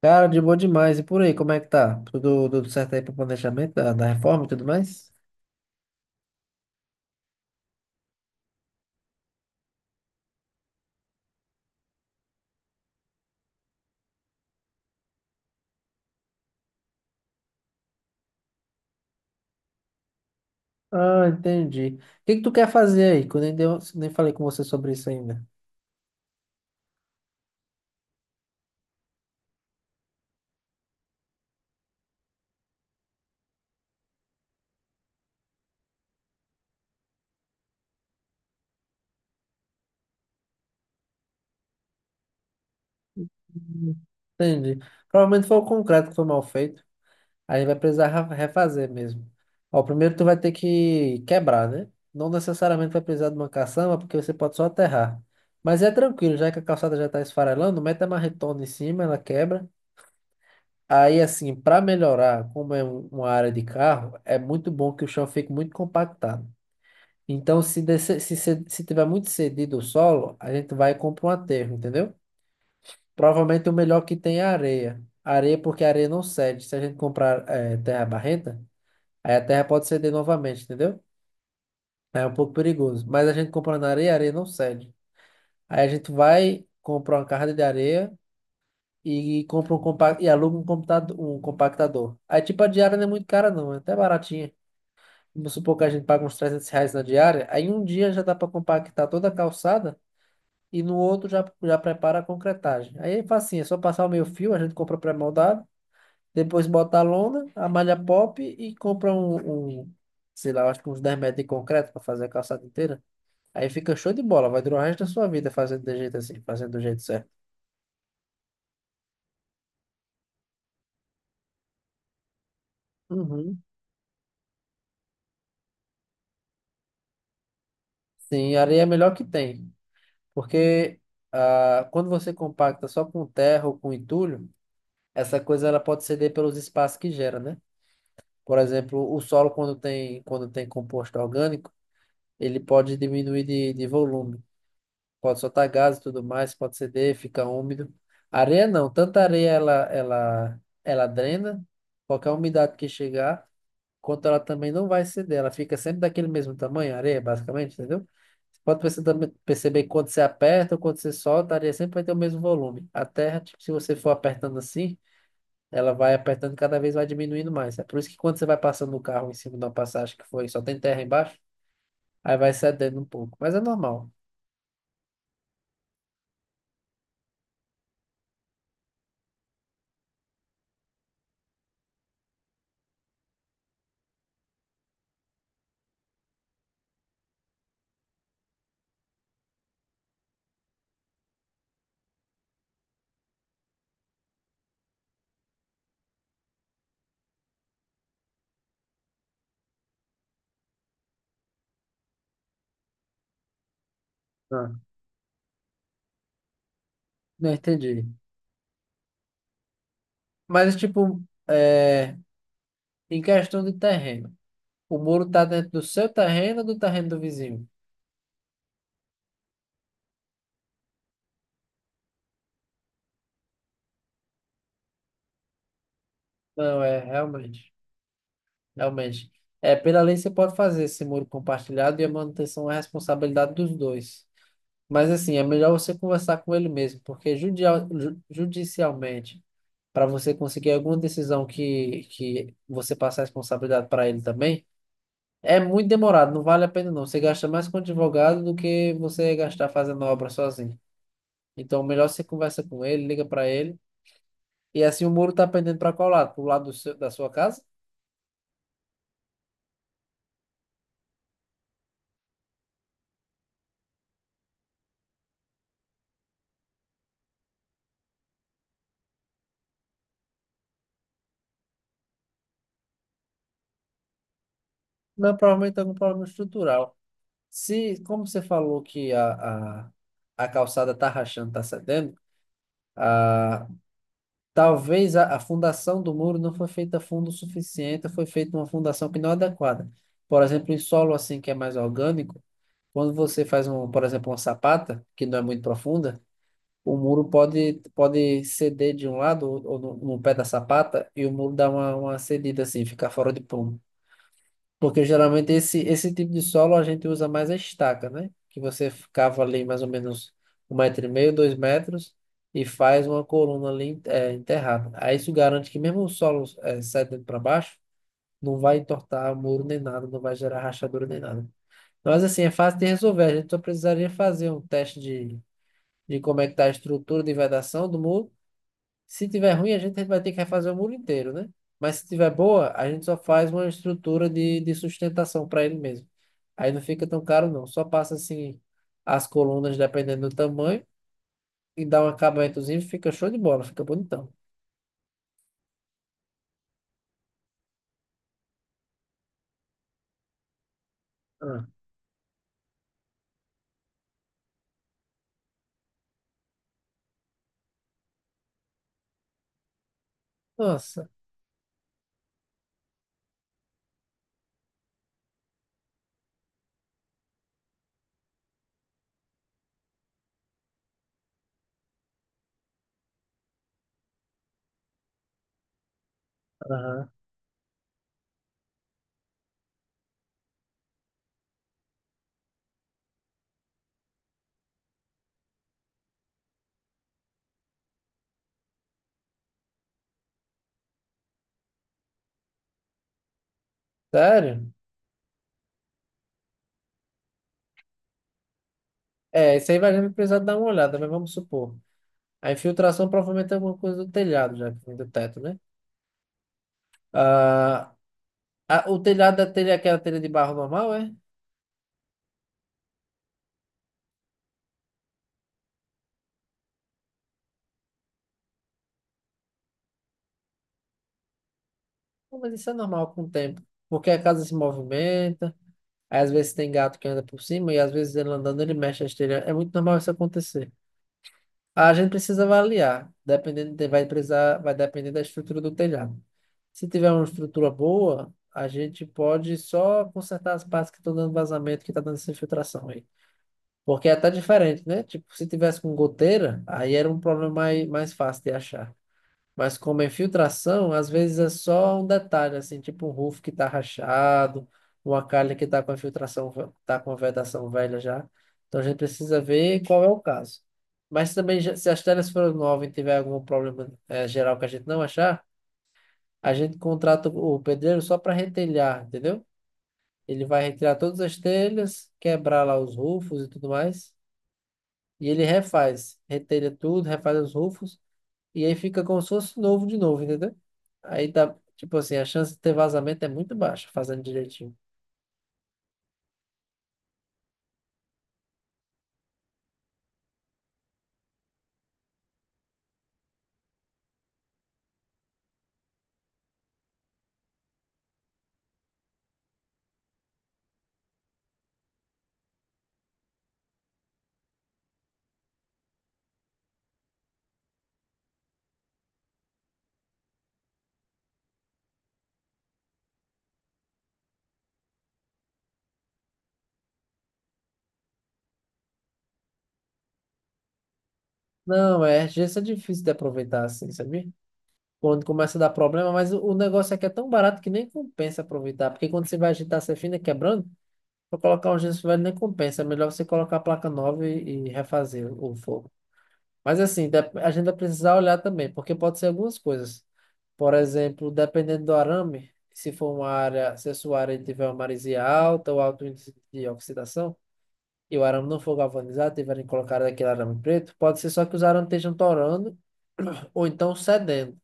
Cara, de boa demais. E por aí, como é que tá? Tudo certo aí pro planejamento da reforma e tudo mais? Ah, entendi. O que que tu quer fazer aí? Que eu nem falei com você sobre isso ainda. Hum. Entendi. Provavelmente foi o concreto que foi mal feito. Aí vai precisar refazer mesmo. Ó, primeiro tu vai ter que quebrar, né? Não necessariamente vai precisar de uma caçamba, porque você pode só aterrar. Mas é tranquilo, já que a calçada já está esfarelando, mete a marretona em cima, ela quebra. Aí, assim, para melhorar, como é uma área de carro, é muito bom que o chão fique muito compactado. Então, se, descer, se tiver muito cedido o solo, a gente vai e compra um aterro, entendeu? Provavelmente o melhor que tem é a areia. Areia porque a areia não cede. Se a gente comprar terra barrenta, aí a terra pode ceder novamente, entendeu? É um pouco perigoso. Mas a gente compra na areia, a areia não cede. Aí a gente vai, compra uma carga de areia e aluga um computador, um compactador. Aí tipo a diária não é muito cara não, é até baratinha. Vamos supor que a gente paga uns R$ 300 na diária, aí um dia já dá para compactar toda a calçada e no outro já prepara a concretagem. Aí é facinho, é só passar o meio fio, a gente compra pré-moldado, depois bota a lona, a malha pop e compra sei lá, eu acho que uns 10 m de concreto para fazer a calçada inteira. Aí fica show de bola, vai durar o resto da sua vida fazendo de jeito assim, fazendo do jeito certo. Uhum. Sim, areia é a melhor que tem, porque quando você compacta só com terra ou com entulho, essa coisa ela pode ceder pelos espaços que gera, né? Por exemplo, o solo quando tem composto orgânico, ele pode diminuir de volume, pode soltar gases e tudo mais, pode ceder, fica úmido. Areia não, tanta areia ela drena qualquer umidade que chegar, quanto ela também não vai ceder, ela fica sempre daquele mesmo tamanho, a areia basicamente, entendeu? Você pode também perceber que quando você aperta ou quando você solta, a areia sempre vai ter o mesmo volume. A terra, tipo, se você for apertando assim ela vai apertando cada vez vai diminuindo mais. É por isso que quando você vai passando o carro em cima de uma passagem que foi só tem terra embaixo, aí vai cedendo um pouco. Mas é normal. Ah, não entendi. Mas, tipo, é, em questão de terreno, o muro tá dentro do seu terreno ou do terreno do vizinho? Não, é realmente, realmente. É, pela lei você pode fazer esse muro compartilhado e a manutenção é responsabilidade dos dois. Mas assim, é melhor você conversar com ele mesmo, porque judicialmente para você conseguir alguma decisão que você passa a responsabilidade para ele também, é muito demorado, não vale a pena não. Você gasta mais com advogado do que você gastar fazendo obra sozinho. Então, melhor você conversa com ele, liga para ele. E assim o muro está pendendo para qual lado? Para o lado do da sua casa? Não, provavelmente algum problema estrutural. Se, como você falou que a calçada está rachando, está cedendo, a talvez a fundação do muro não foi feita fundo o suficiente, foi feita uma fundação que não é adequada. Por exemplo, em solo assim que é mais orgânico, quando você faz por exemplo, uma sapata, que não é muito profunda, o muro pode ceder de um lado ou, no pé da sapata e o muro dá uma cedida assim, ficar fora de prumo. Porque geralmente esse tipo de solo a gente usa mais a estaca, né? Que você cava ali mais ou menos 1,5 m, 2 m e faz uma coluna ali enterrada. Aí isso garante que mesmo o solo dentro para baixo, não vai entortar muro nem nada, não vai gerar rachadura nem nada. Mas assim, é fácil de resolver. A gente só precisaria fazer um teste de como é que está a estrutura de vedação do muro. Se tiver ruim, a gente vai ter que refazer o muro inteiro, né? Mas se tiver boa, a gente só faz uma estrutura de sustentação para ele mesmo. Aí não fica tão caro, não. Só passa assim as colunas, dependendo do tamanho, e dá um acabamentozinho, fica show de bola, fica bonitão. Ah. Nossa. Aham. Sério? É, isso aí vai a gente precisar dar uma olhada, mas vamos supor. A infiltração provavelmente é alguma coisa do telhado, já que vem do teto, né? Ah, o telhado da telha é aquela telha de barro normal, é? Não, mas isso é normal com o tempo, porque a casa se movimenta, aí às vezes tem gato que anda por cima e às vezes ele andando ele mexe a esteira. É muito normal isso acontecer. A gente precisa avaliar, dependendo, vai depender da estrutura do telhado. Se tiver uma estrutura boa, a gente pode só consertar as partes que estão dando vazamento, que está dando essa infiltração aí. Porque é até diferente, né? Tipo, se tivesse com goteira, aí era um problema mais fácil de achar. Mas como é filtração, às vezes é só um detalhe, assim, tipo um roof que tá rachado, uma calha que tá com a filtração, tá com a vedação velha já. Então a gente precisa ver qual é o caso. Mas também, se as telhas forem novas e tiver algum problema geral que a gente não achar, a gente contrata o pedreiro só para retelhar, entendeu? Ele vai retirar todas as telhas, quebrar lá os rufos e tudo mais, e ele refaz, retelha tudo, refaz os rufos e aí fica como se fosse novo de novo, entendeu? Aí dá, tipo assim, a chance de ter vazamento é muito baixa, fazendo direitinho. Não, gesso é difícil de aproveitar assim, sabia? Quando começa a dar problema, mas o negócio aqui é tão barato que nem compensa aproveitar, porque quando você vai agitar, você fina quebrando, pra colocar um gesso velho nem compensa, é melhor você colocar a placa nova e refazer o forro. Mas assim, a gente vai precisar olhar também, porque pode ser algumas coisas. Por exemplo, dependendo do arame, se for uma área, se a sua área tiver uma maresia alta ou alto índice de oxidação, e o arame não for galvanizado, tiverem colocado aquele arame preto, pode ser só que os arames estejam torando ou então cedendo.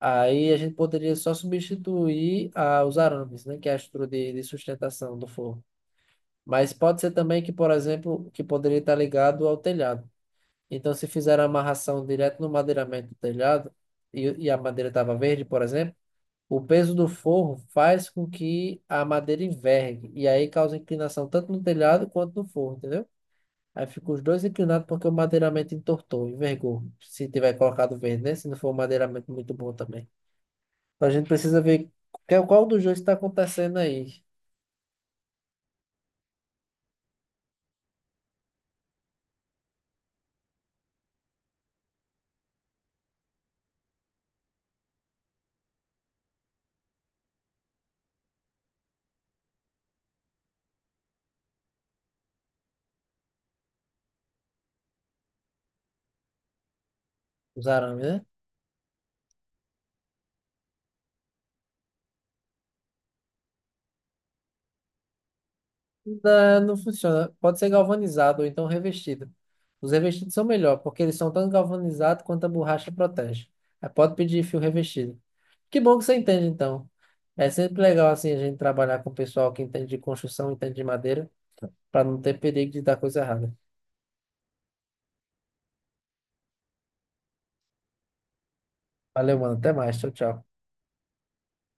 Aí a gente poderia só substituir os arames, né, que é a estrutura de sustentação do forro. Mas pode ser também que, por exemplo, que poderia estar ligado ao telhado. Então, se fizeram a amarração direto no madeiramento do telhado, e a madeira estava verde, por exemplo, o peso do forro faz com que a madeira envergue, e aí causa inclinação tanto no telhado quanto no forro, entendeu? Aí ficam os dois inclinados porque o madeiramento entortou, envergou. Se tiver colocado verde, né? Se não for um madeiramento muito bom também. Então, a gente precisa ver qual dos dois está acontecendo aí, os arames, né? Não, não funciona. Pode ser galvanizado ou então revestido. Os revestidos são melhor, porque eles são tanto galvanizados quanto a borracha protege. Aí pode pedir fio revestido. Que bom que você entende, então. É sempre legal assim a gente trabalhar com o pessoal que entende de construção, entende de madeira, para não ter perigo de dar coisa errada. Valeu, mano. Até mais. Tchau, tchau.